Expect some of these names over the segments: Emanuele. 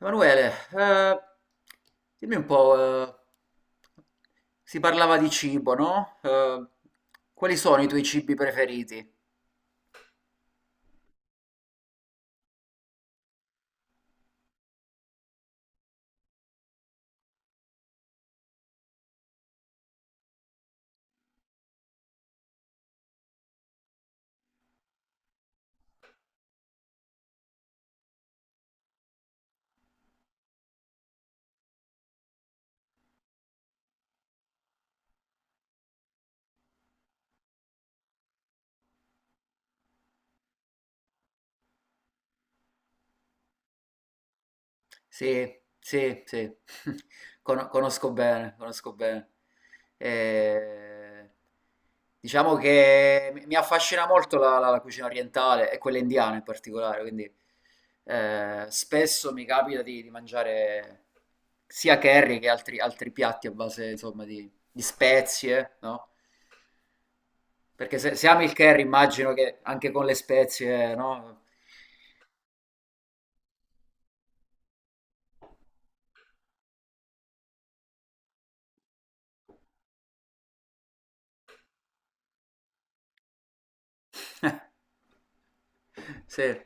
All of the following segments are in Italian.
Emanuele, dimmi un po', si parlava di cibo, no? Quali sono i tuoi cibi preferiti? Sì, sì, sì. Conosco bene, conosco bene. Eh, diciamo che mi affascina molto la cucina orientale e quella indiana in particolare, quindi spesso mi capita di mangiare sia curry che altri, altri piatti a base, insomma, di spezie, no? Perché se ami il curry immagino che anche con le spezie, no? Sì.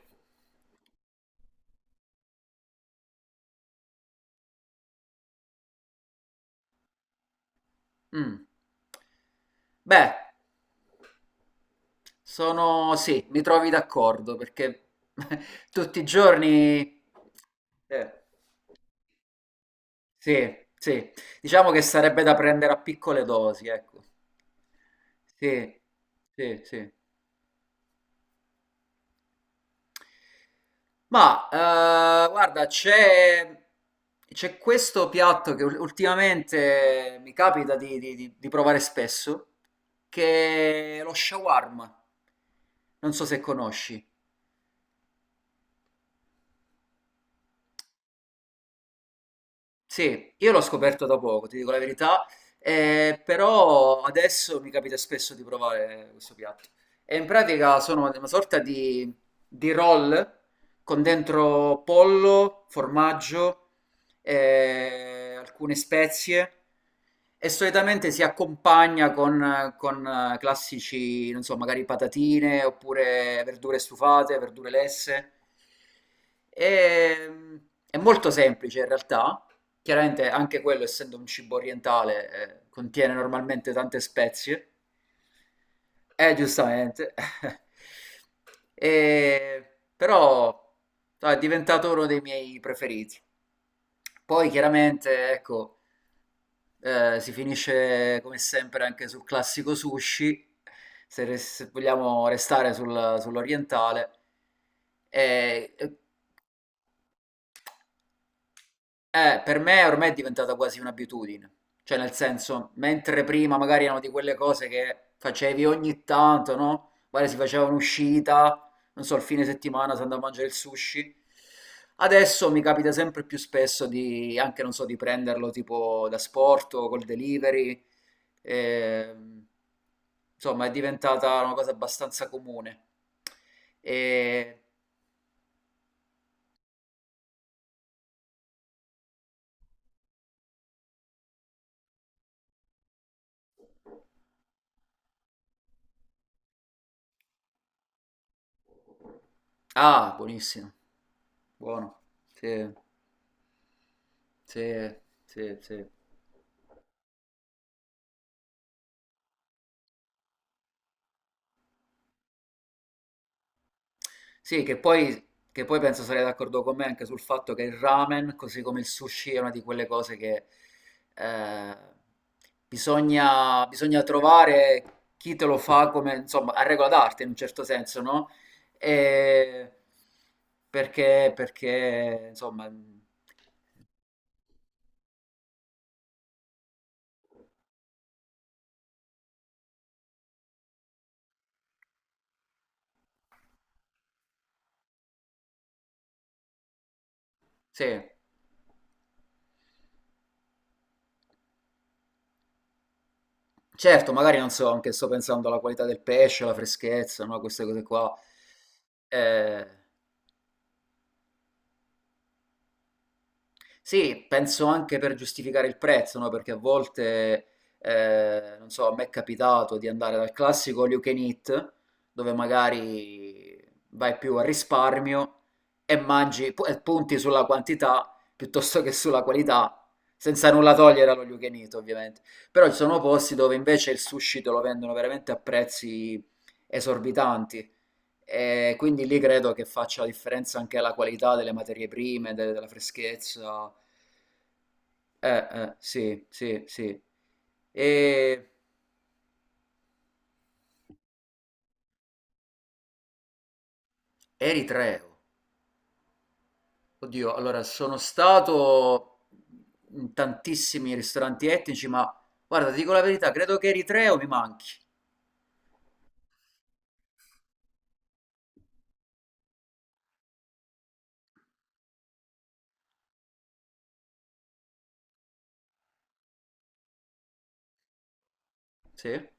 Mm. Beh. Sono, sì, mi trovi d'accordo perché tutti i giorni, eh, sì, sì, diciamo che sarebbe da prendere a piccole dosi, ecco. Sì, sì, sì. Ma guarda, c'è questo piatto che ultimamente mi capita di, di provare spesso, che è lo shawarma. Non so se conosci. Sì, io l'ho scoperto da poco, ti dico la verità, però adesso mi capita spesso di provare questo piatto. E in pratica sono una sorta di roll con dentro pollo, formaggio, alcune spezie e solitamente si accompagna con, classici, non so, magari patatine oppure verdure stufate, verdure lesse. E, è molto semplice in realtà, chiaramente anche quello, essendo un cibo orientale, contiene normalmente tante spezie. Giustamente. Però no, è diventato uno dei miei preferiti. Poi chiaramente, ecco, si finisce come sempre anche sul classico sushi, se, se vogliamo restare sull'orientale. E, eh, per me ormai è diventata quasi un'abitudine, cioè nel senso, mentre prima magari erano di quelle cose che facevi ogni tanto, no? Magari si faceva un'uscita, non so, il fine settimana si andava a mangiare il sushi. Adesso mi capita sempre più spesso di, anche non so, di prenderlo tipo da sport o col delivery. ehm, insomma, è diventata una cosa abbastanza comune. E... Ah, buonissimo, buono, sì. Sì, sì, sì. Sì, che poi penso sarei d'accordo con me anche sul fatto che il ramen, così come il sushi, è una di quelle cose che eh, bisogna, bisogna trovare chi te lo fa come, insomma, a regola d'arte in un certo senso, no? E perché, perché, insomma, sì. Certo, magari non so, anche sto pensando alla qualità del pesce, alla freschezza, no? Queste cose qua. Eh, Sì, penso anche per giustificare il prezzo, no? Perché a volte, non so, a me è capitato di andare dal classico all you can eat, dove magari vai più a risparmio e mangi e punti sulla quantità piuttosto che sulla qualità, senza nulla togliere allo you can eat, ovviamente. Però ci sono posti dove invece il sushi te lo vendono veramente a prezzi esorbitanti e quindi lì credo che faccia la differenza anche la qualità delle materie prime, della freschezza. Sì, sì, sì. E Eritreo. Oddio, allora sono stato in tantissimi ristoranti etnici, ma guarda, ti dico la verità, credo che Eritreo mi manchi. Sì?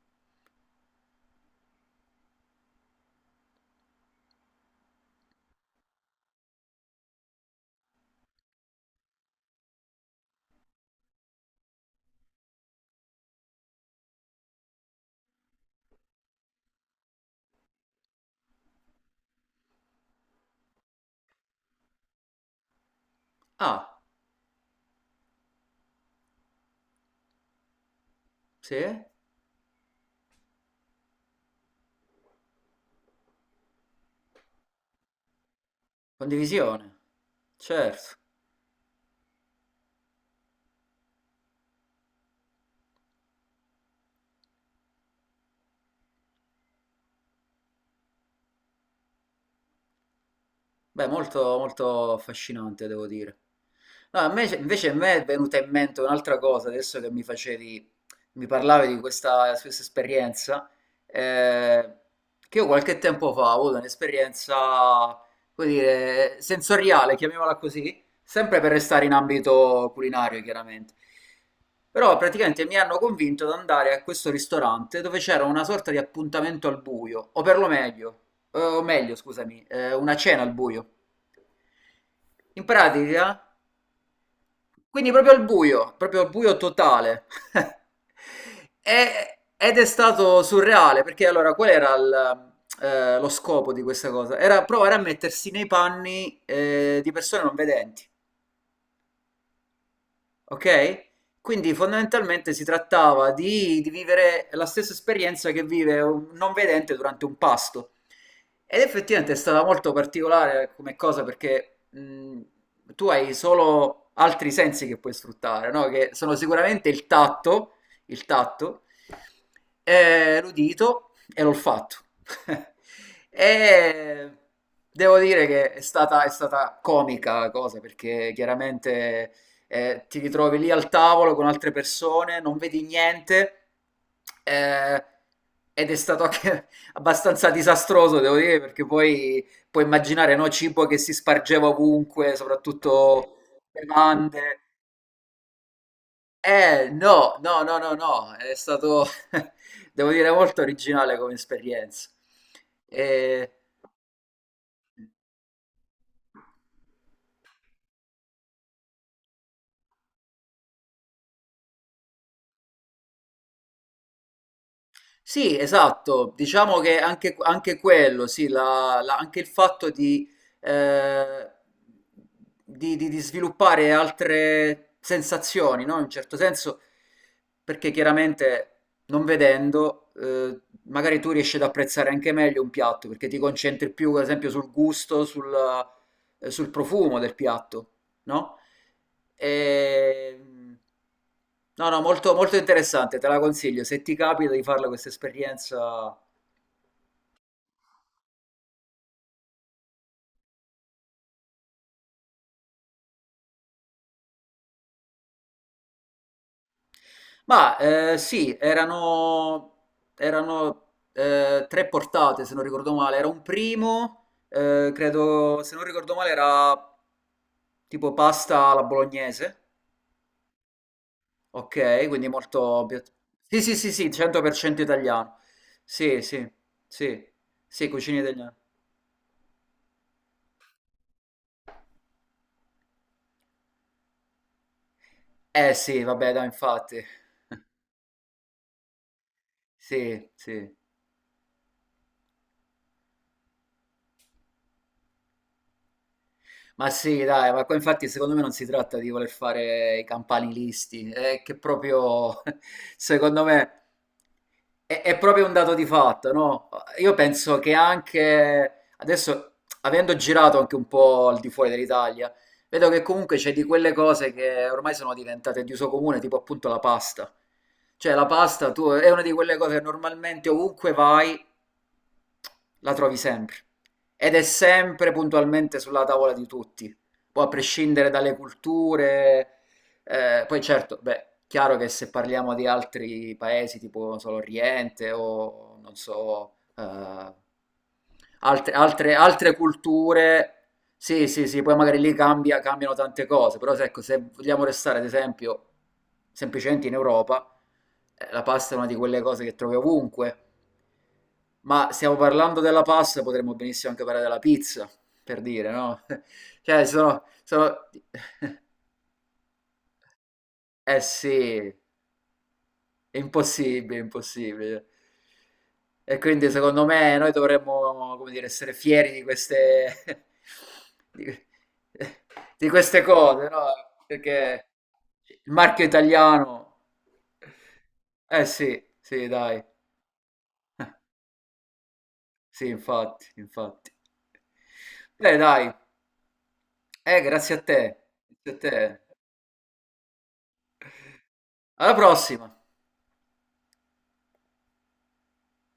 Ah, sì? Condivisione. Certo. Beh, molto, molto affascinante, devo dire. No, a me, invece a me è venuta in mente un'altra cosa, adesso che mi facevi, mi parlavi di questa, questa esperienza, eh, che io qualche tempo fa ho avuto un'esperienza, come dire, sensoriale, chiamiamola così, sempre per restare in ambito culinario, chiaramente. Però praticamente mi hanno convinto ad andare a questo ristorante dove c'era una sorta di appuntamento al buio, o per lo meglio, o meglio, scusami, una cena al buio. In pratica, quindi proprio al buio totale. Ed è stato surreale, perché allora qual era il, lo scopo di questa cosa? Era provare a mettersi nei panni, di persone non vedenti. Ok? Quindi fondamentalmente si trattava di vivere la stessa esperienza che vive un non vedente durante un pasto. Ed effettivamente è stata molto particolare come cosa perché tu hai solo altri sensi che puoi sfruttare, no? Che sono sicuramente il tatto, l'udito e l'olfatto. E devo dire che è stata comica la cosa perché chiaramente ti ritrovi lì al tavolo con altre persone, non vedi niente, eh, ed è stato anche abbastanza disastroso, devo dire, perché poi puoi immaginare, no, cibo che si spargeva ovunque, soprattutto bevande. No, no, no, no, no, è stato, devo dire, molto originale come esperienza. Eh, Sì, esatto, diciamo che anche, anche quello, sì, anche il fatto di, eh, di sviluppare altre sensazioni, no? In un certo senso, perché chiaramente non vedendo, magari tu riesci ad apprezzare anche meglio un piatto, perché ti concentri più, ad esempio, sul gusto, sul, sul profumo del piatto, no? E, no, no, molto, molto interessante, te la consiglio. Se ti capita di farla questa esperienza. Ma sì, erano, erano tre portate, se non ricordo male. Era un primo, credo, se non ricordo male, era tipo pasta alla bolognese. Ok, quindi molto... pia- Sì, sì, sì, sì, 100% italiano. Sì, sì, sì, sì, cucina italiana. Eh sì, vabbè, dai, infatti. Sì, sì. Ma sì, dai, ma qua infatti secondo me non si tratta di voler fare i campanilisti, è che proprio, secondo me, è proprio un dato di fatto, no? Io penso che anche adesso, avendo girato anche un po' al di fuori dell'Italia, vedo che comunque c'è di quelle cose che ormai sono diventate di uso comune, tipo appunto la pasta. Cioè la pasta tu, è una di quelle cose che normalmente ovunque vai la trovi sempre ed è sempre puntualmente sulla tavola di tutti, poi a prescindere dalle culture. Poi certo, beh, chiaro che se parliamo di altri paesi tipo, non so, l'Oriente o non so, altre altre culture sì, sì, sì, poi magari lì cambiano tante cose, però se ecco, se vogliamo restare ad esempio semplicemente in Europa, la pasta è una di quelle cose che trovi ovunque. Ma stiamo parlando della pasta, potremmo benissimo anche parlare della pizza, per dire, no? Cioè sono eh sì. È impossibile, impossibile. E quindi secondo me noi dovremmo, come dire, essere fieri di queste, di, di queste cose, no? Perché il marchio italiano... Eh sì, sì, dai. Sì, infatti, infatti. Beh, dai. Grazie a te. Grazie a te. Alla prossima.